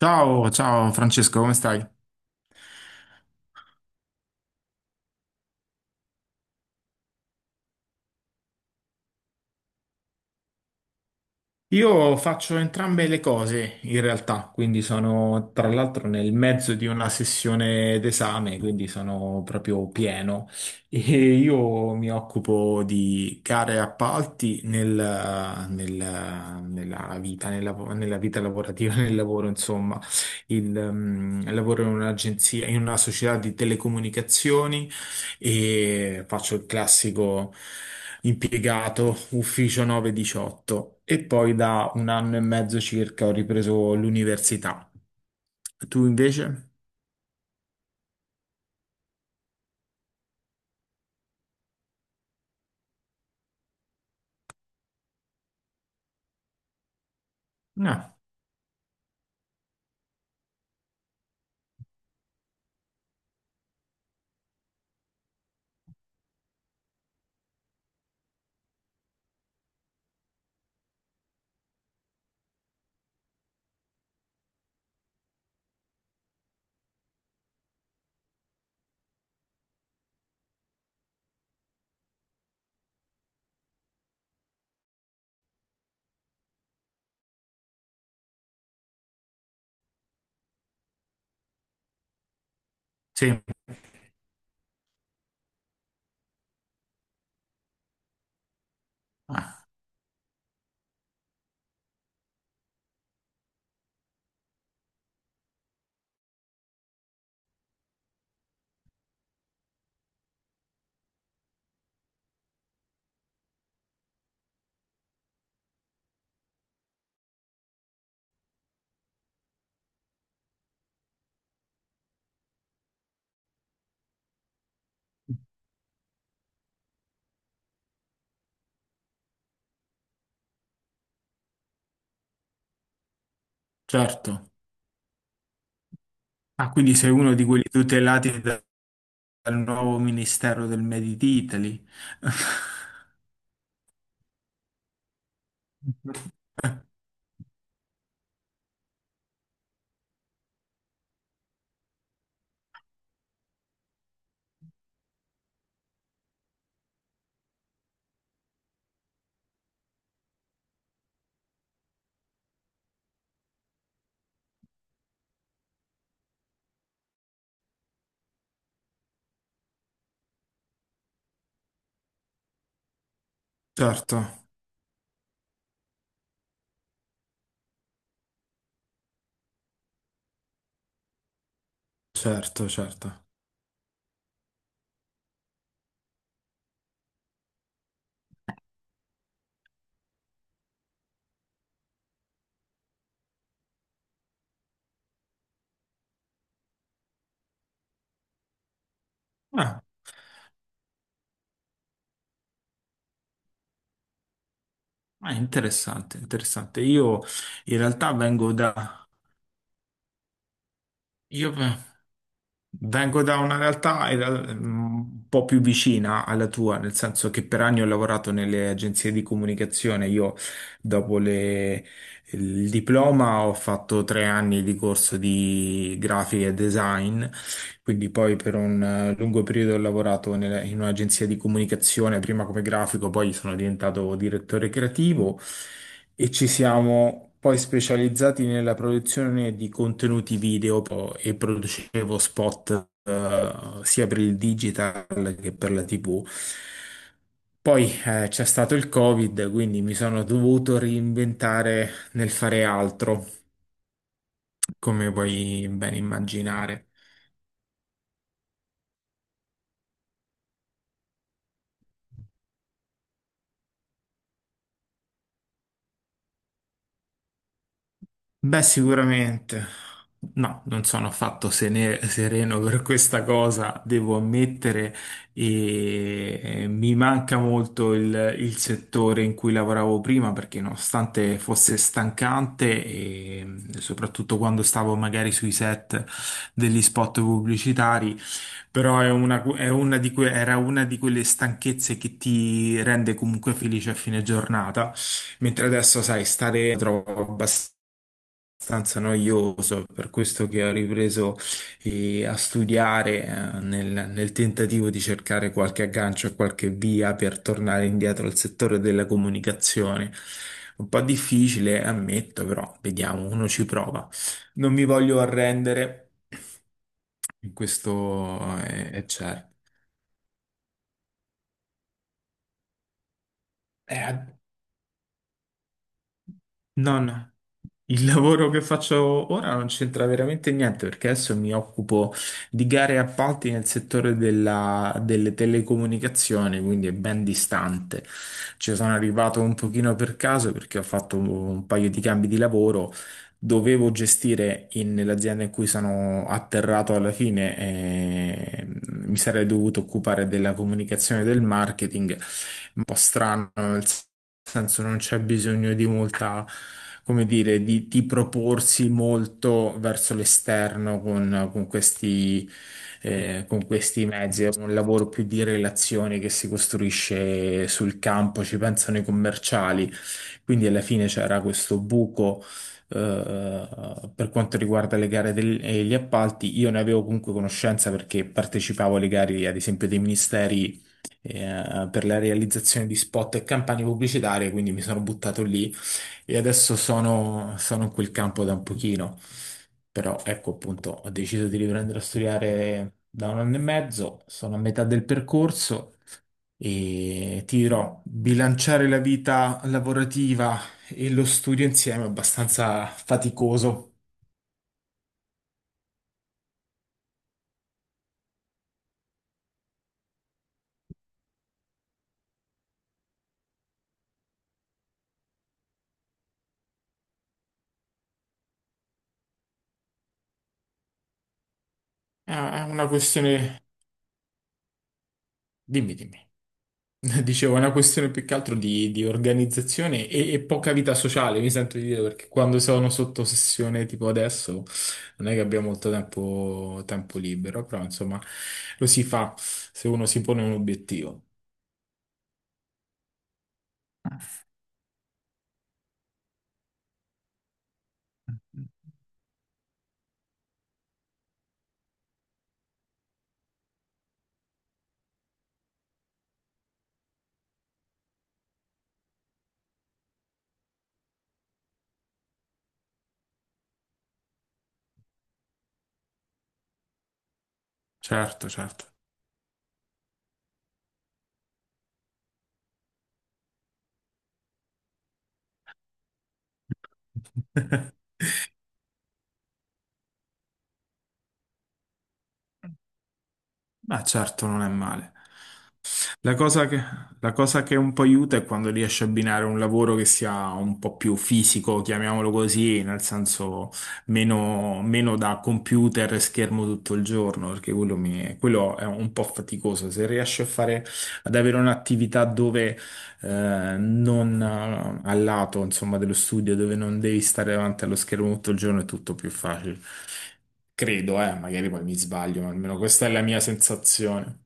Ciao, ciao Francesco, come stai? Io faccio entrambe le cose in realtà, quindi sono tra l'altro nel mezzo di una sessione d'esame, quindi sono proprio pieno e io mi occupo di gare e appalti nella vita, nella vita lavorativa, nel lavoro, insomma. Lavoro in un'agenzia, in una società di telecomunicazioni e faccio il classico impiegato ufficio 9-18 e poi da 1 anno e mezzo circa ho ripreso l'università. Tu invece? No, sì, ah, certo. Ah, quindi sei uno di quelli tutelati da- dal nuovo Ministero del Made in Italy. Certo, certo, certo. Ah, ah, interessante, interessante. Io in realtà vengo da... Io, vengo da una realtà in un po' più vicina alla tua, nel senso che per anni ho lavorato nelle agenzie di comunicazione. Io, dopo le- il diploma, ho fatto 3 anni di corso di grafica e design, quindi poi per un lungo periodo ho lavorato nella- in un'agenzia di comunicazione, prima come grafico, poi sono diventato direttore creativo e ci siamo poi specializzati nella produzione di contenuti video po- e producevo spot sia per il digital che per la TV. Poi c'è stato il Covid, quindi mi sono dovuto reinventare nel fare altro, come puoi ben immaginare. Beh, sicuramente. No, non sono affatto sene- sereno per questa cosa, devo ammettere, e mi manca molto il settore in cui lavoravo prima perché nonostante fosse stancante e soprattutto quando stavo magari sui set degli spot pubblicitari, però è una di era una di quelle stanchezze che ti rende comunque felice a fine giornata, mentre adesso, sai, stare lo trovo abbastanza abbastanza noioso, è per questo che ho ripreso a studiare nel, nel tentativo di cercare qualche aggancio e qualche via per tornare indietro al settore della comunicazione. Un po' difficile, ammetto, però vediamo, uno ci prova. Non mi voglio arrendere, questo è certo. Eh, No, no. Il lavoro che faccio ora non c'entra veramente niente perché adesso mi occupo di gare e appalti nel settore della- delle telecomunicazioni, quindi è ben distante. Ci sono arrivato un pochino per caso perché ho fatto un paio di cambi di lavoro. Dovevo gestire in- nell'azienda in cui sono atterrato alla fine, mi sarei dovuto occupare della comunicazione e del marketing. Un po' strano, senso non c'è bisogno di molta, come dire, di proporsi molto verso l'esterno con questi mezzi. È un lavoro più di relazioni che si costruisce sul campo, ci pensano i commerciali. Quindi alla fine c'era questo buco. eh, per quanto riguarda le gare del- e gli appalti, io ne avevo comunque conoscenza perché partecipavo alle gare, ad esempio, dei ministeri per la realizzazione di spot e campagne pubblicitarie, quindi mi sono buttato lì e adesso sono, sono in quel campo da un pochino. Però ecco appunto, ho deciso di riprendere a studiare da 1 anno e mezzo, sono a metà del percorso e ti dirò, bilanciare la vita lavorativa e lo studio insieme è abbastanza faticoso. È una questione... Dimmi, dimmi. Dicevo, è una questione più che altro di organizzazione e poca vita sociale, mi sento di dire, perché quando sono sotto sessione tipo adesso non è che abbiamo molto tempo, tempo libero, però insomma lo si fa se uno si pone un obiettivo. Certo, certo. Ma certo, non è male. La cosa che, la cosa che un po' aiuta è quando riesci a abbinare un lavoro che sia un po' più fisico, chiamiamolo così, nel senso meno, meno da computer e schermo tutto il giorno, perché quello, mi- quello è un po' faticoso. Se riesci a fare, ad avere un'attività dove non al lato, insomma, dello studio, dove non devi stare davanti allo schermo tutto il giorno, è tutto più facile. Credo, magari poi mi sbaglio, ma almeno questa è la mia sensazione.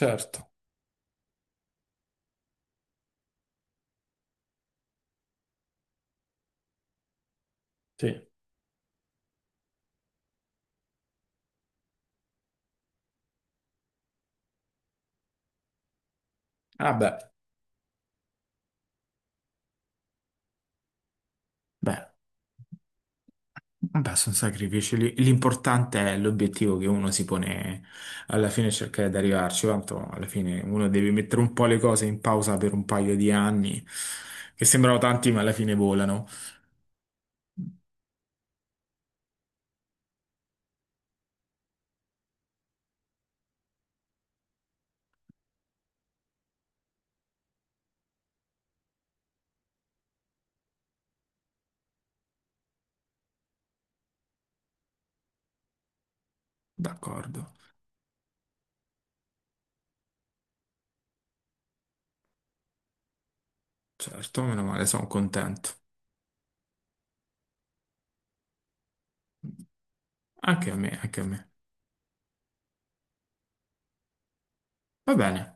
Certo, sì. Ah beh, beh, vabbè, sono sacrifici. L'importante è l'obiettivo che uno si pone alla fine e cercare di arrivarci. Tanto alla fine uno deve mettere un po' le cose in pausa per un paio di anni, che sembrano tanti, ma alla fine volano. D'accordo, certo, meno male, sono contento. Anche a me, anche a me. Va bene.